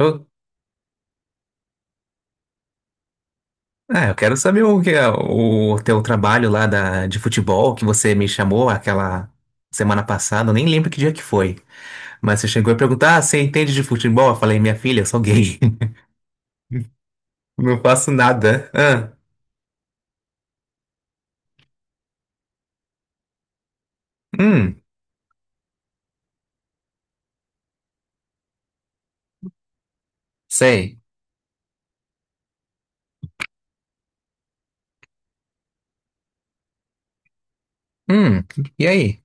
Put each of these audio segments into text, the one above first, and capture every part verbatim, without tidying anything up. Eu, ah, eu quero saber o que é o teu trabalho lá da, de futebol que você me chamou aquela semana passada. Eu nem lembro que dia que foi. Mas você chegou e perguntou: ah, você entende de futebol? Eu falei, minha filha, eu sou gay. Não faço nada. Ah, hum, Sei. Hum, e aí?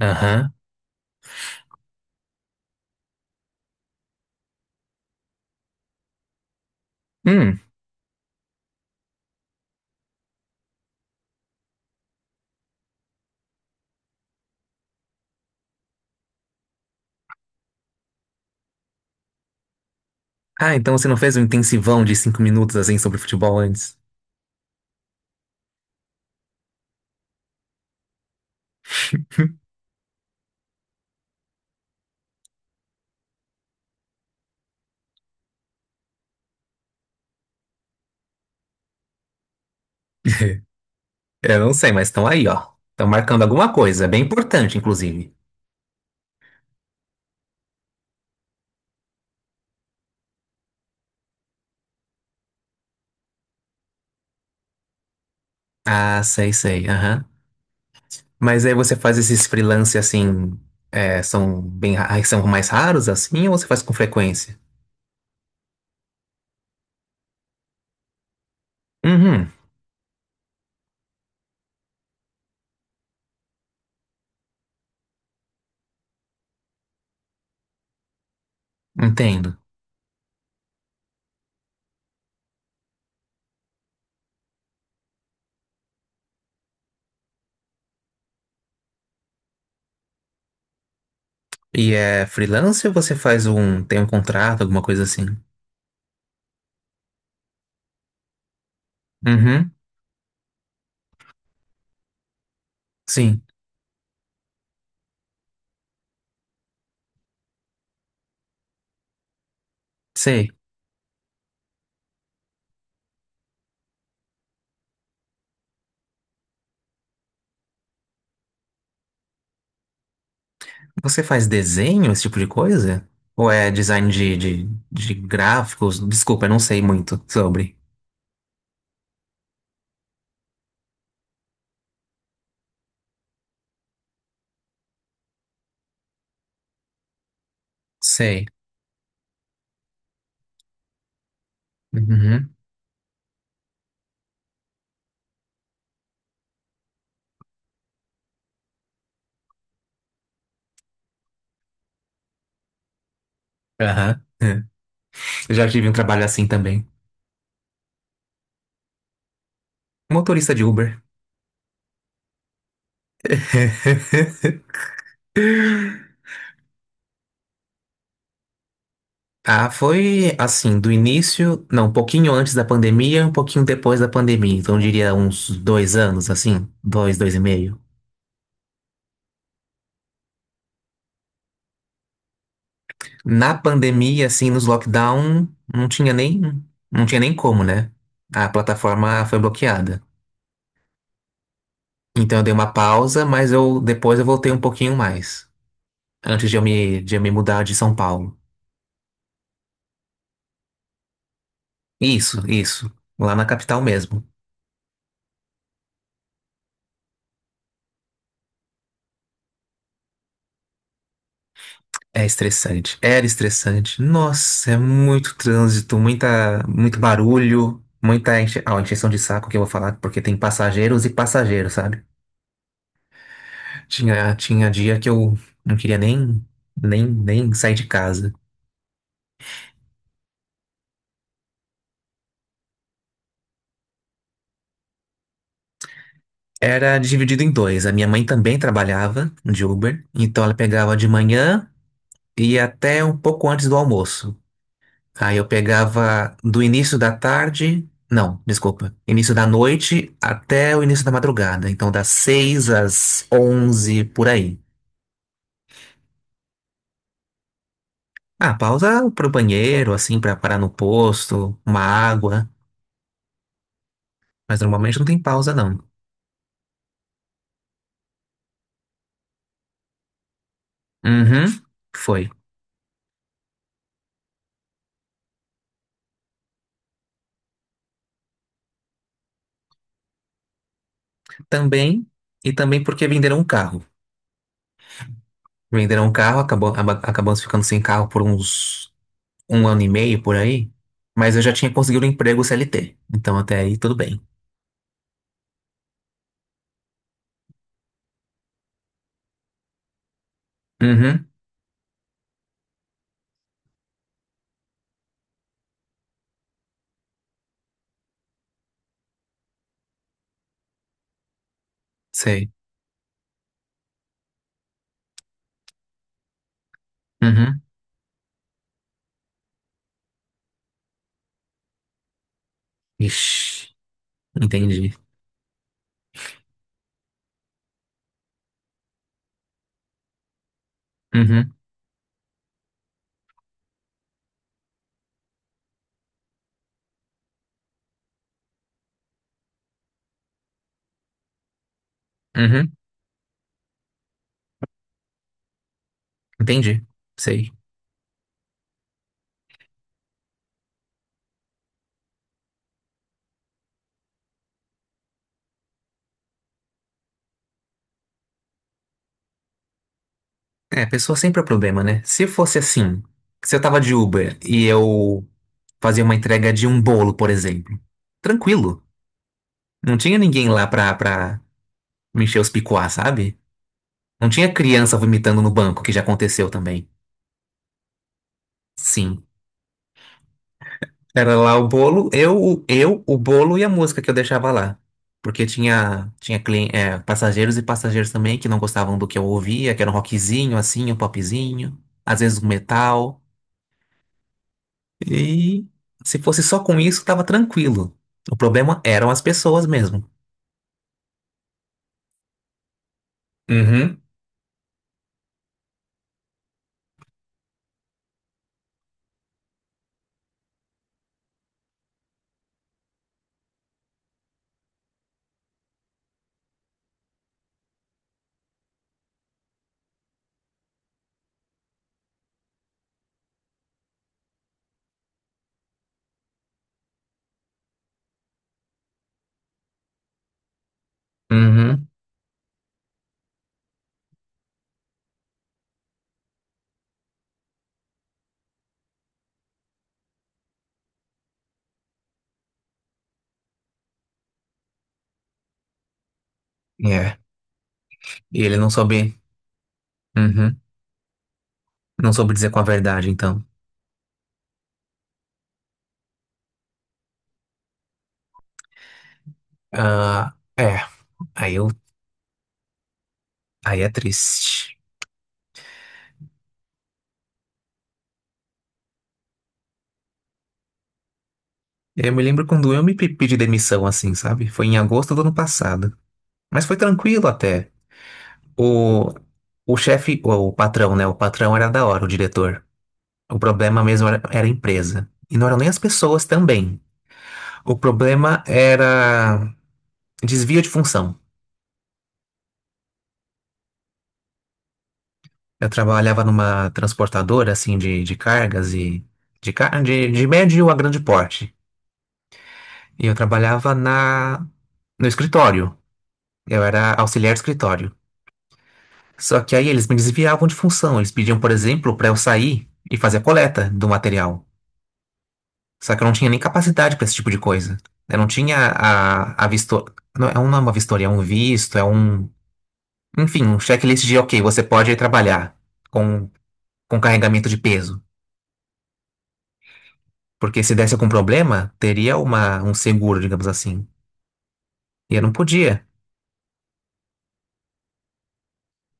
Aham. Hum. Ah, então você não fez um intensivão de cinco minutos assim sobre futebol antes? Eu não sei, mas estão aí, ó. Estão marcando alguma coisa, bem importante, inclusive. Ah, sei, sei. Aham. Mas aí você faz esses freelance assim, é, são bem, ra- são mais raros assim, ou você faz com frequência? Uhum, entendo. E é freelance ou você faz um, tem um contrato, alguma coisa assim? Uhum, sim, sei. Você faz desenho, esse tipo de coisa? Ou é design de, de, de gráficos? Desculpa, eu não sei muito sobre. Sei. Uhum, aham, é. Eu já tive um trabalho assim também. Motorista de Uber. Ah, foi assim, do início, não, um pouquinho antes da pandemia, um pouquinho depois da pandemia. Então, eu diria uns dois anos, assim, dois, dois e meio. Na pandemia, assim, nos lockdown, não tinha nem, não tinha nem como, né? A plataforma foi bloqueada. Então, eu dei uma pausa, mas eu depois eu voltei um pouquinho mais, antes de eu me, de eu me mudar de São Paulo. Isso, isso, lá na capital mesmo. É estressante. Era estressante. Nossa, é muito trânsito, muita, muito barulho, muita enche... ah, encheção de saco que eu vou falar, porque tem passageiros e passageiros, sabe? Tinha, tinha dia que eu não queria nem, nem, nem sair de casa. Era dividido em dois. A minha mãe também trabalhava de Uber, então ela pegava de manhã e ia até um pouco antes do almoço. Aí eu pegava do início da tarde, não, desculpa, início da noite até o início da madrugada. Então, das seis às onze por aí. Ah, pausa pro banheiro, assim, pra parar no posto, uma água. Mas normalmente não tem pausa, não. Uhum, foi. Também, e também porque venderam um carro. Venderam um carro, acabou, aba- acabamos ficando sem carro por uns um ano e meio, por aí. Mas eu já tinha conseguido um emprego C L T. Então, até aí, tudo bem. Uhum, sei. Uhum. Ixi, entendi. Uhum, uhum, entendi. Sei. É, pessoa sempre é problema, né? Se fosse assim, se eu tava de Uber e eu fazia uma entrega de um bolo, por exemplo, tranquilo. Não tinha ninguém lá pra, pra me encher os picuá, sabe? Não tinha criança vomitando no banco, que já aconteceu também. Sim. Era lá o bolo, eu, o- eu, o bolo e a música que eu deixava lá. Porque tinha, tinha clien- é, passageiros e passageiros também que não gostavam do que eu ouvia, que era um rockzinho, assim, um popzinho, às vezes um metal. E se fosse só com isso, tava tranquilo. O problema eram as pessoas mesmo. Uhum, uhum, é. E ele não soube, uhum, não soube dizer com a verdade, então. Ah, é, aí eu, aí é triste. É, eu me lembro quando eu me pe- pedi demissão, assim, sabe? Foi em agosto do ano passado. Mas foi tranquilo até. O, o chefe, o, o patrão, né? O patrão era da hora, o diretor. O problema mesmo era, era a empresa. E não eram nem as pessoas também. O problema era desvio de função. Eu trabalhava numa transportadora, assim, de, de cargas e... De, car- de, de médio a grande porte. E eu trabalhava na, no escritório. Eu era auxiliar de escritório. Só que aí eles me desviavam de função. Eles pediam, por exemplo, para eu sair e fazer a coleta do material. Só que eu não tinha nem capacidade para esse tipo de coisa. Eu não tinha a, a visto... Não, é um- não é uma vistoria, é um visto, é um... Enfim, um checklist de, ok, você pode ir trabalhar com, com carregamento de peso. Porque se desse algum problema, teria uma, um seguro, digamos assim. E eu não podia.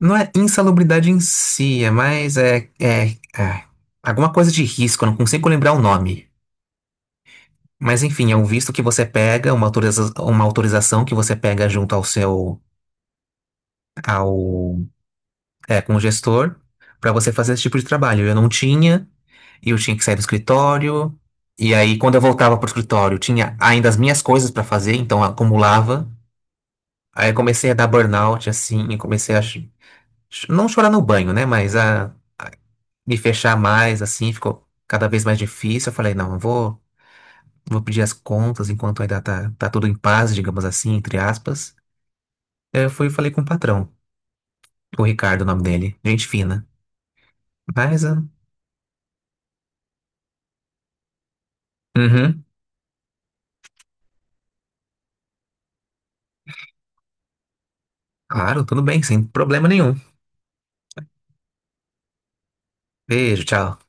Não é insalubridade em si, é mais... É, é, é alguma coisa de risco, eu não consigo lembrar o nome. Mas enfim, é um visto que você pega, uma autoriza- uma autorização que você pega junto ao seu, ao, é, com o gestor, para você fazer esse tipo de trabalho. Eu não tinha, e eu tinha que sair do escritório, e aí quando eu voltava pro escritório, tinha ainda as minhas coisas para fazer, então acumulava. Aí eu comecei a dar burnout, assim, e comecei a, ch- ch- não chorar no banho, né, mas a, a me fechar mais, assim, ficou cada vez mais difícil. Eu falei, não, eu vou vou pedir as contas enquanto ainda tá, tá tudo em paz, digamos assim, entre aspas. Eu fui e falei com o patrão, o Ricardo, o nome dele. Gente fina. Mas, ah, uhum, claro, tudo bem, sem problema nenhum. Beijo, tchau.